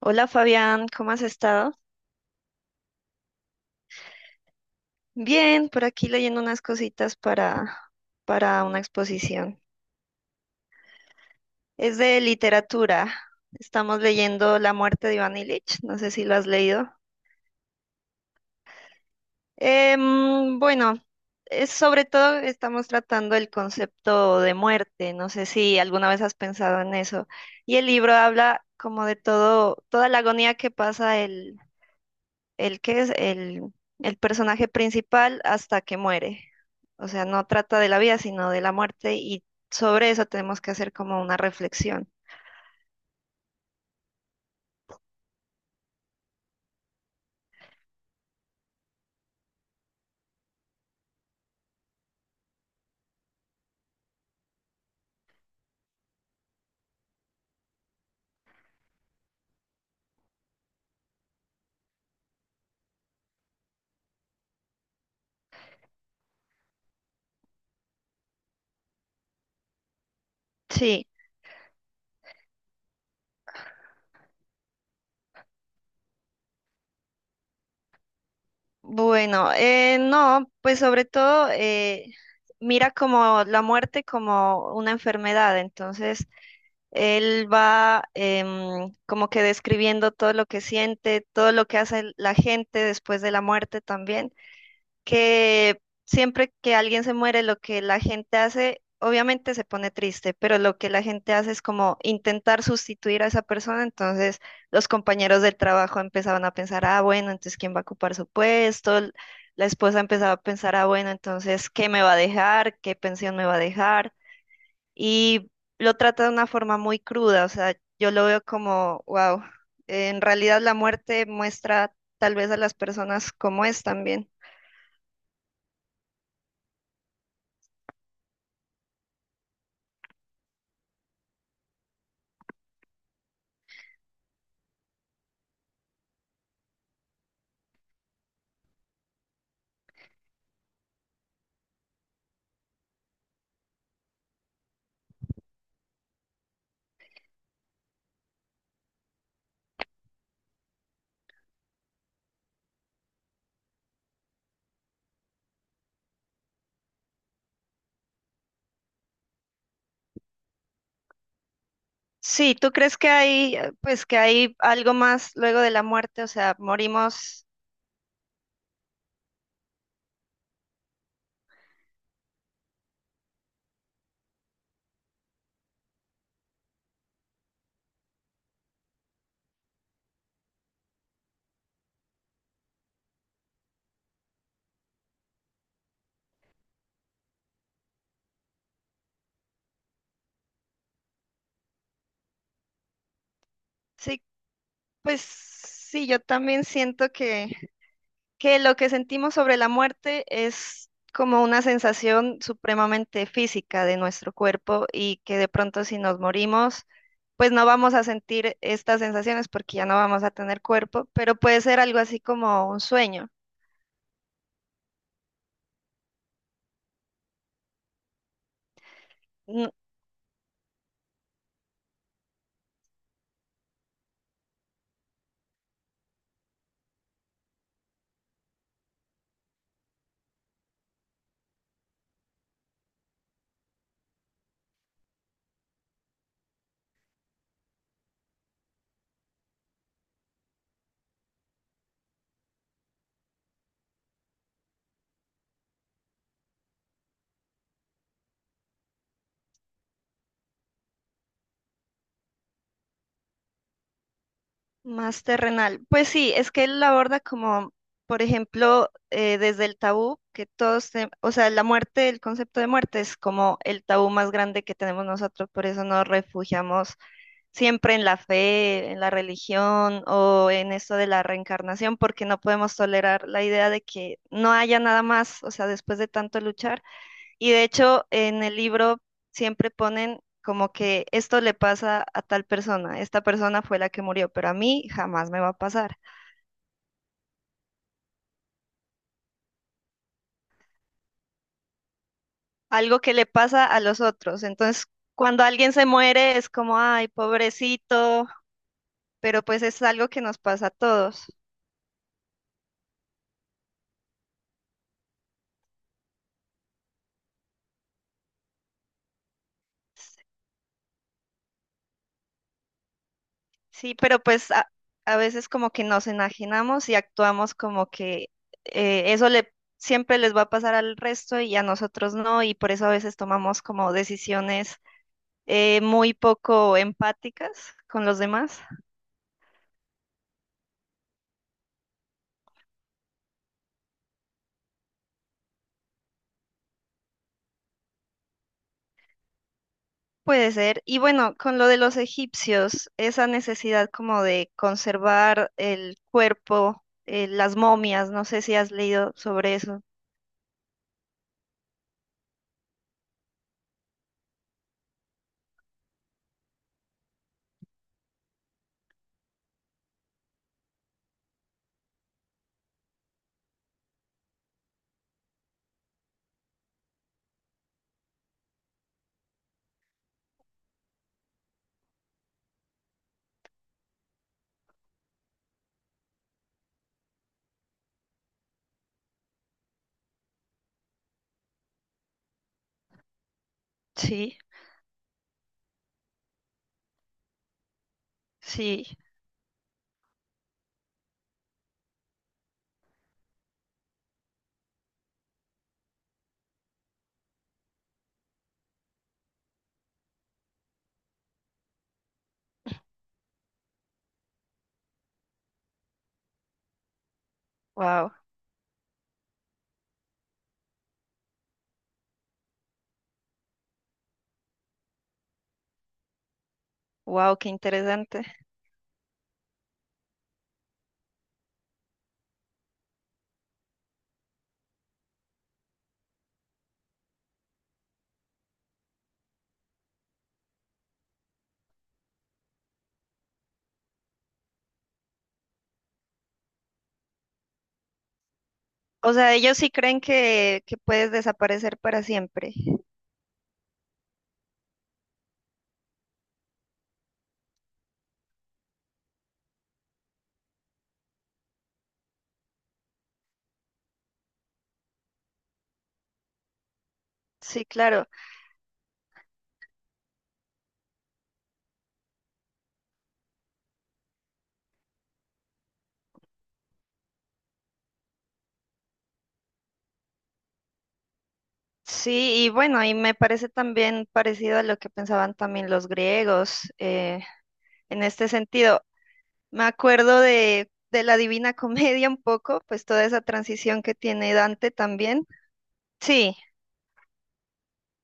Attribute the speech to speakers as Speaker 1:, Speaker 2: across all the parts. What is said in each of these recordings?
Speaker 1: Hola Fabián, ¿cómo has estado? Bien, por aquí leyendo unas cositas para una exposición. Es de literatura. Estamos leyendo La muerte de Iván Ilich, no sé si lo has leído. Bueno, es sobre todo estamos tratando el concepto de muerte, no sé si alguna vez has pensado en eso. Y el libro habla como de todo, toda la agonía que pasa el que es el personaje principal hasta que muere. O sea, no trata de la vida, sino de la muerte y sobre eso tenemos que hacer como una reflexión. Sí, bueno, no, pues sobre todo mira como la muerte como una enfermedad, entonces él va como que describiendo todo lo que siente, todo lo que hace la gente después de la muerte también. Que siempre que alguien se muere, lo que la gente hace, obviamente se pone triste, pero lo que la gente hace es como intentar sustituir a esa persona. Entonces, los compañeros del trabajo empezaban a pensar, ah, bueno, entonces, ¿quién va a ocupar su puesto? L- La esposa empezaba a pensar, ah, bueno, entonces, ¿qué me va a dejar? ¿Qué pensión me va a dejar? Y lo trata de una forma muy cruda, o sea, yo lo veo como, wow, en realidad la muerte muestra tal vez a las personas como es también. Sí, ¿tú crees que hay, pues, que hay algo más luego de la muerte? O sea, morimos. Sí, pues sí, yo también siento que lo que sentimos sobre la muerte es como una sensación supremamente física de nuestro cuerpo y que de pronto si nos morimos, pues no vamos a sentir estas sensaciones porque ya no vamos a tener cuerpo, pero puede ser algo así como un sueño. Más terrenal. Pues sí, es que él la aborda como, por ejemplo, desde el tabú, que todos, te- o sea, la muerte, el concepto de muerte es como el tabú más grande que tenemos nosotros, por eso nos refugiamos siempre en la fe, en la religión o en esto de la reencarnación, porque no podemos tolerar la idea de que no haya nada más, o sea, después de tanto luchar. Y de hecho, en el libro siempre ponen como que esto le pasa a tal persona, esta persona fue la que murió, pero a mí jamás me va a pasar. Algo que le pasa a los otros. Entonces, cuando alguien se muere es como, ay, pobrecito, pero pues es algo que nos pasa a todos. Sí, pero pues a veces como que nos enajenamos y actuamos como que eso le siempre les va a pasar al resto y a nosotros no, y por eso a veces tomamos como decisiones muy poco empáticas con los demás. Puede ser. Y bueno, con lo de los egipcios, esa necesidad como de conservar el cuerpo, las momias, no sé si has leído sobre eso. Sí, sí, wow, wow, qué interesante. O sea, ellos sí creen que puedes desaparecer para siempre. Sí, claro. Sí, y bueno, y me parece también parecido a lo que pensaban también los griegos en este sentido. Me acuerdo de la Divina Comedia un poco, pues toda esa transición que tiene Dante también. Sí,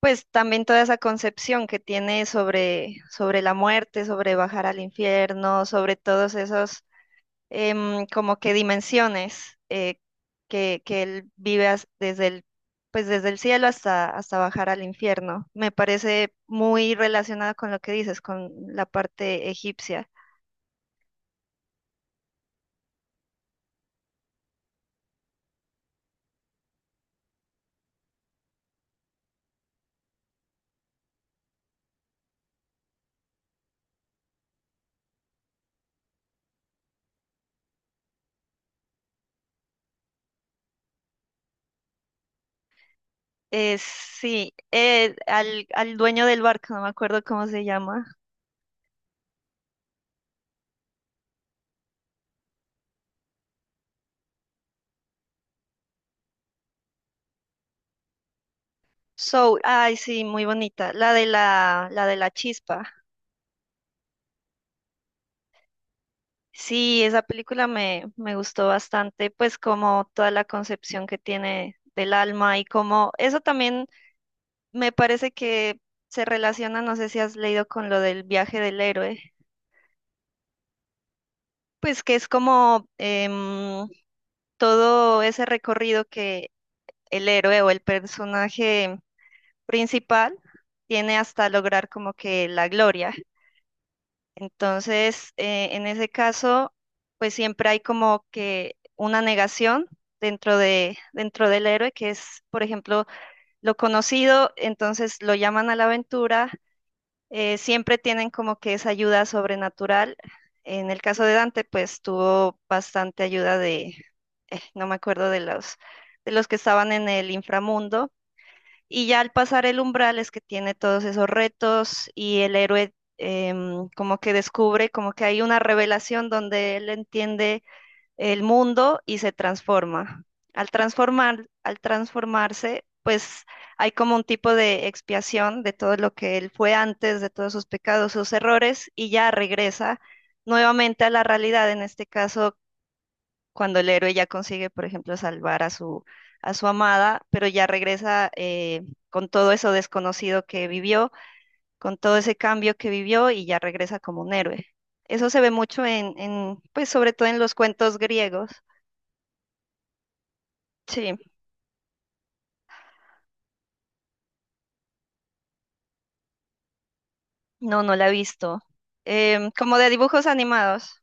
Speaker 1: pues también toda esa concepción que tiene sobre, sobre la muerte, sobre bajar al infierno, sobre todos esos como que dimensiones que él vive as- desde el, pues desde el cielo hasta, hasta bajar al infierno. Me parece muy relacionada con lo que dices, con la parte egipcia. Sí, al, al dueño del barco, no me acuerdo cómo se llama. Soul, ay, sí, muy bonita. La de la chispa. Sí, esa película me, me gustó bastante, pues como toda la concepción que tiene del alma y como eso también me parece que se relaciona, no sé si has leído con lo del viaje del héroe, pues que es como todo ese recorrido que el héroe o el personaje principal tiene hasta lograr como que la gloria. Entonces, en ese caso, pues siempre hay como que una negación dentro de, dentro del héroe, que es, por ejemplo, lo conocido, entonces lo llaman a la aventura, siempre tienen como que esa ayuda sobrenatural. En el caso de Dante, pues tuvo bastante ayuda de, no me acuerdo de los que estaban en el inframundo y ya al pasar el umbral es que tiene todos esos retos y el héroe como que descubre, como que hay una revelación donde él entiende el mundo y se transforma. Al transformar, al transformarse, pues hay como un tipo de expiación de todo lo que él fue antes, de todos sus pecados, sus errores, y ya regresa nuevamente a la realidad, en este caso cuando el héroe ya consigue, por ejemplo, salvar a su amada, pero ya regresa con todo eso desconocido que vivió, con todo ese cambio que vivió y ya regresa como un héroe. Eso se ve mucho en, pues sobre todo en los cuentos griegos. Sí, no, no la he visto. Como de dibujos animados.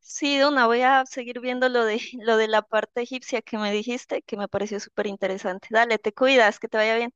Speaker 1: Sí, Duna, voy a seguir viendo lo de, lo de la parte egipcia que me dijiste, que me pareció súper interesante. Dale, te cuidas, que te vaya bien.